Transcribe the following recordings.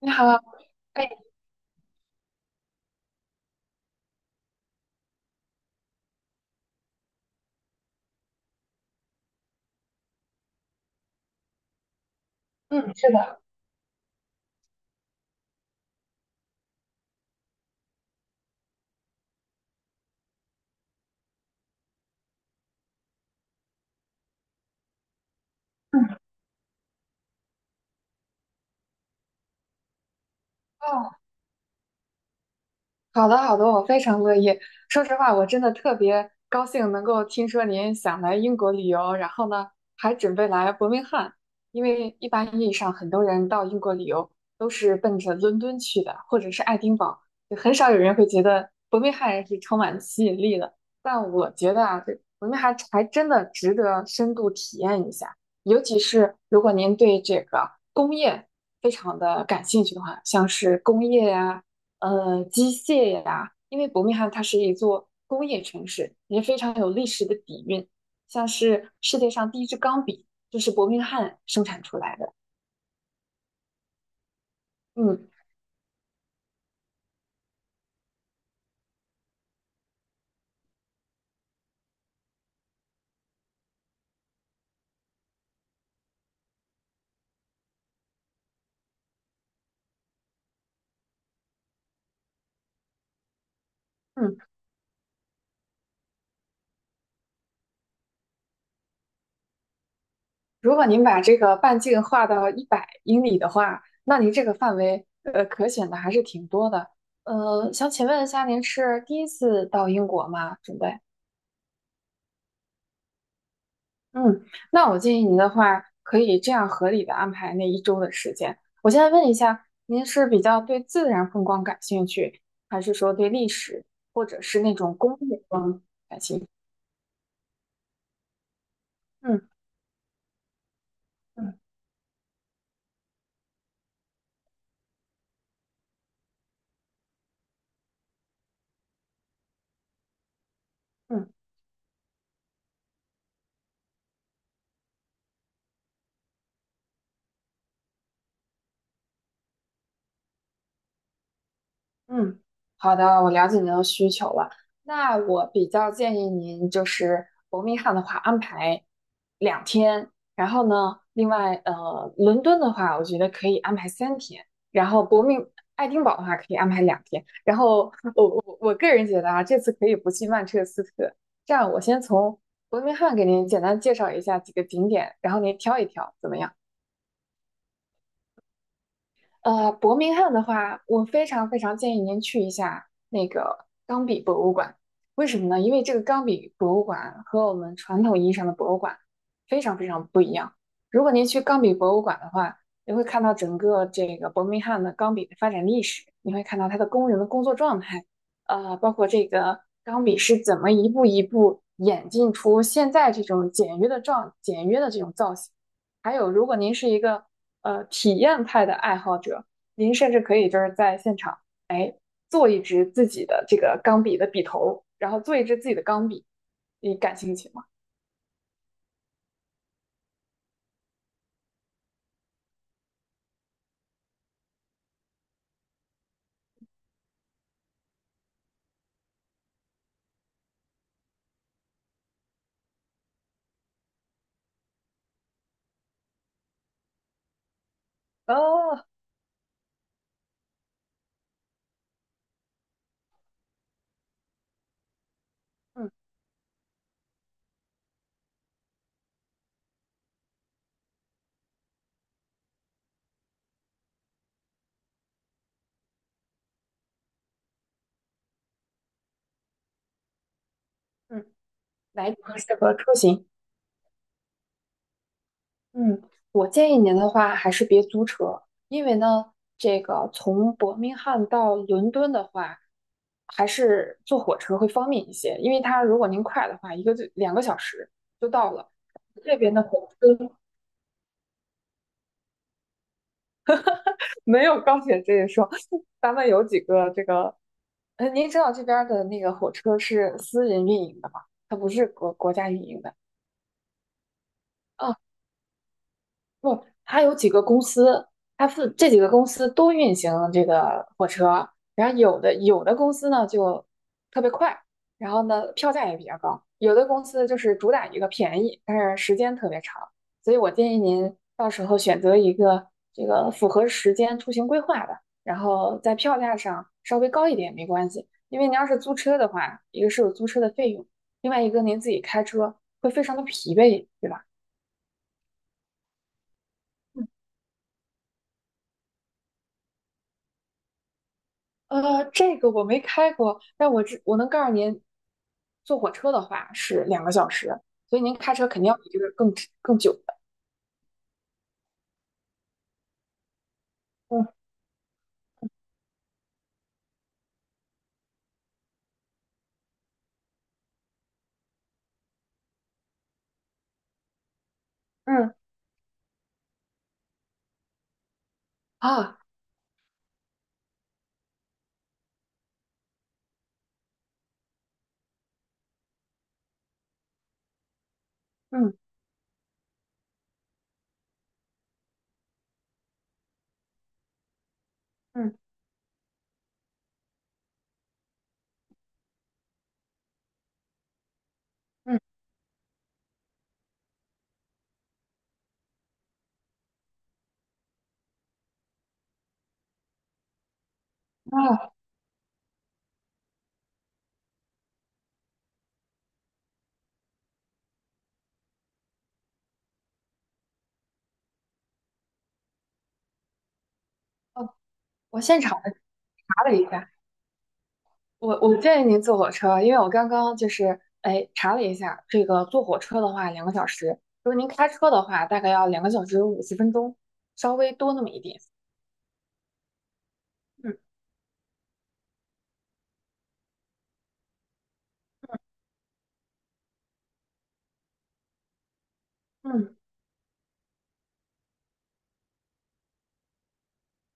你好，哎，嗯，是的，嗯，哦，好的，好的，我非常乐意。说实话，我真的特别高兴能够听说您想来英国旅游，然后呢，还准备来伯明翰。因为一般意义上，很多人到英国旅游都是奔着伦敦去的，或者是爱丁堡，就很少有人会觉得伯明翰是充满吸引力的。但我觉得啊，这伯明翰还真的值得深度体验一下，尤其是如果您对这个工业非常的感兴趣的话，像是工业呀、机械呀，因为伯明翰它是一座工业城市，也非常有历史的底蕴。像是世界上第一支钢笔就是伯明翰生产出来的。嗯嗯，如果您把这个半径画到100英里的话，那您这个范围可选的还是挺多的。想请问一下，您是第一次到英国吗？准备？嗯，那我建议您的话，可以这样合理的安排那一周的时间。我现在问一下，您是比较对自然风光感兴趣，还是说对历史，或者是那种工业风？嗯嗯嗯，嗯，好的，我了解您的需求了。那我比较建议您，就是伯明翰的话安排两天，然后呢，另外伦敦的话，我觉得可以安排3天，然后爱丁堡的话可以安排两天。然后我个人觉得啊，这次可以不去曼彻斯特。这样，我先从伯明翰给您简单介绍一下几个景点，然后您挑一挑，怎么样？伯明翰的话，我非常非常建议您去一下那个钢笔博物馆。为什么呢？因为这个钢笔博物馆和我们传统意义上的博物馆非常非常不一样。如果您去钢笔博物馆的话，你会看到整个这个伯明翰的钢笔的发展历史，你会看到它的工人的工作状态，包括这个钢笔是怎么一步一步演进出现在这种简约的状简约的这种造型。还有，如果您是一个体验派的爱好者，您甚至可以就是在现场，哎，做一支自己的这个钢笔的笔头，然后做一支自己的钢笔，你感兴趣吗？哦，嗯嗯，哪一种更适合出行？嗯，我建议您的话还是别租车，因为呢，这个从伯明翰到伦敦的话，还是坐火车会方便一些，因为它如果您快的话，一个就两个小时就到了。这边的火车没有高铁这一说，咱们有几个这个，您知道这边儿的那个火车是私人运营的吗？它不是国家运营的。嗯，不，它有几个公司，它是这几个公司都运行这个火车，然后有的公司呢就特别快，然后呢票价也比较高，有的公司就是主打一个便宜，但是时间特别长，所以我建议您到时候选择一个这个符合时间出行规划的，然后在票价上稍微高一点没关系，因为您要是租车的话，一个是有租车的费用，另外一个您自己开车会非常的疲惫，对吧？这个我没开过，但我能告诉您，坐火车的话是两个小时，所以您开车肯定要比这个更久的。嗯嗯，啊，嗯嗯嗯，啊，哦，我现场的查了一下，我建议您坐火车，因为我刚刚就是哎查了一下，这个坐火车的话两个小时，如果您开车的话大概要2个小时50分钟，稍微多那么一点。嗯嗯嗯。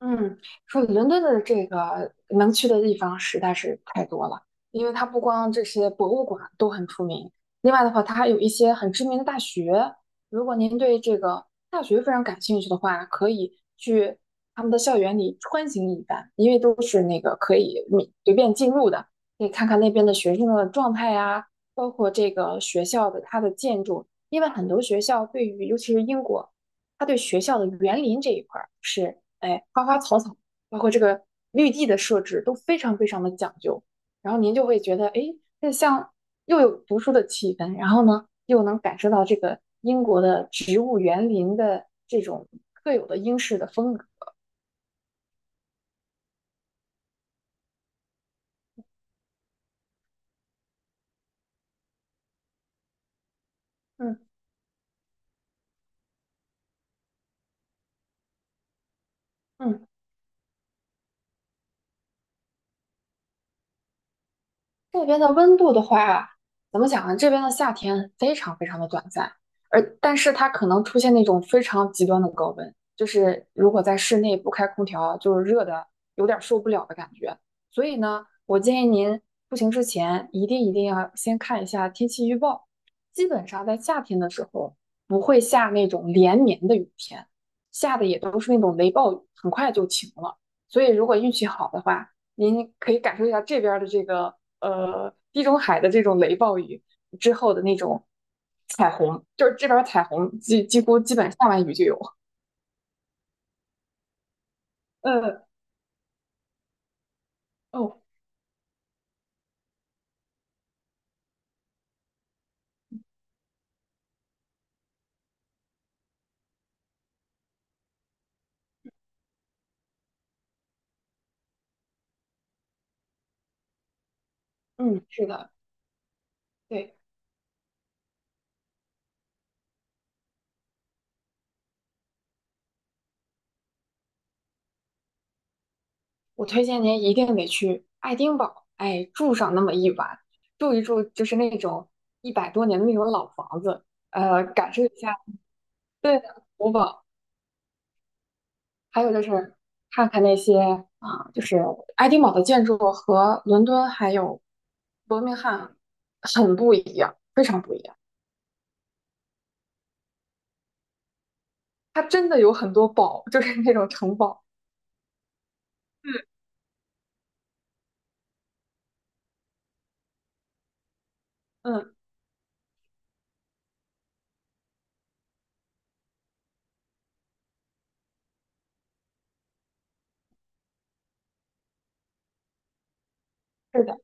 嗯，说伦敦的这个能去的地方实在是太多了，因为它不光这些博物馆都很出名，另外的话，它还有一些很知名的大学。如果您对这个大学非常感兴趣的话，可以去他们的校园里穿行一番，因为都是那个可以你随便进入的，可以看看那边的学生的状态呀，包括这个学校的它的建筑，因为很多学校对于尤其是英国，它对学校的园林这一块儿是。哎，花花草草，包括这个绿地的设置都非常非常的讲究。然后您就会觉得，哎，这像又有读书的气氛，然后呢，又能感受到这个英国的植物园林的这种特有的英式的风格。嗯嗯。这边的温度的话，怎么讲呢？这边的夏天非常非常的短暂，但是它可能出现那种非常极端的高温，就是如果在室内不开空调，就是热的有点受不了的感觉。所以呢，我建议您出行之前一定一定要先看一下天气预报。基本上在夏天的时候不会下那种连绵的雨天，下的也都是那种雷暴雨，很快就晴了。所以如果运气好的话，您可以感受一下这边的这个地中海的这种雷暴雨之后的那种彩虹，就是这边彩虹几乎基本下完雨就有。嗯，哦，嗯，是的，对，我推荐您一定得去爱丁堡，哎，住上那么一晚，住一住就是那种100多年的那种老房子，感受一下，对的，古堡。还有就是看看那些啊、就是爱丁堡的建筑和伦敦还有伯明翰很不一样，非常不一样。它真的有很多堡，就是那种城堡。嗯，嗯，是的。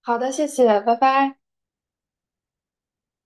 好的，谢谢，拜拜。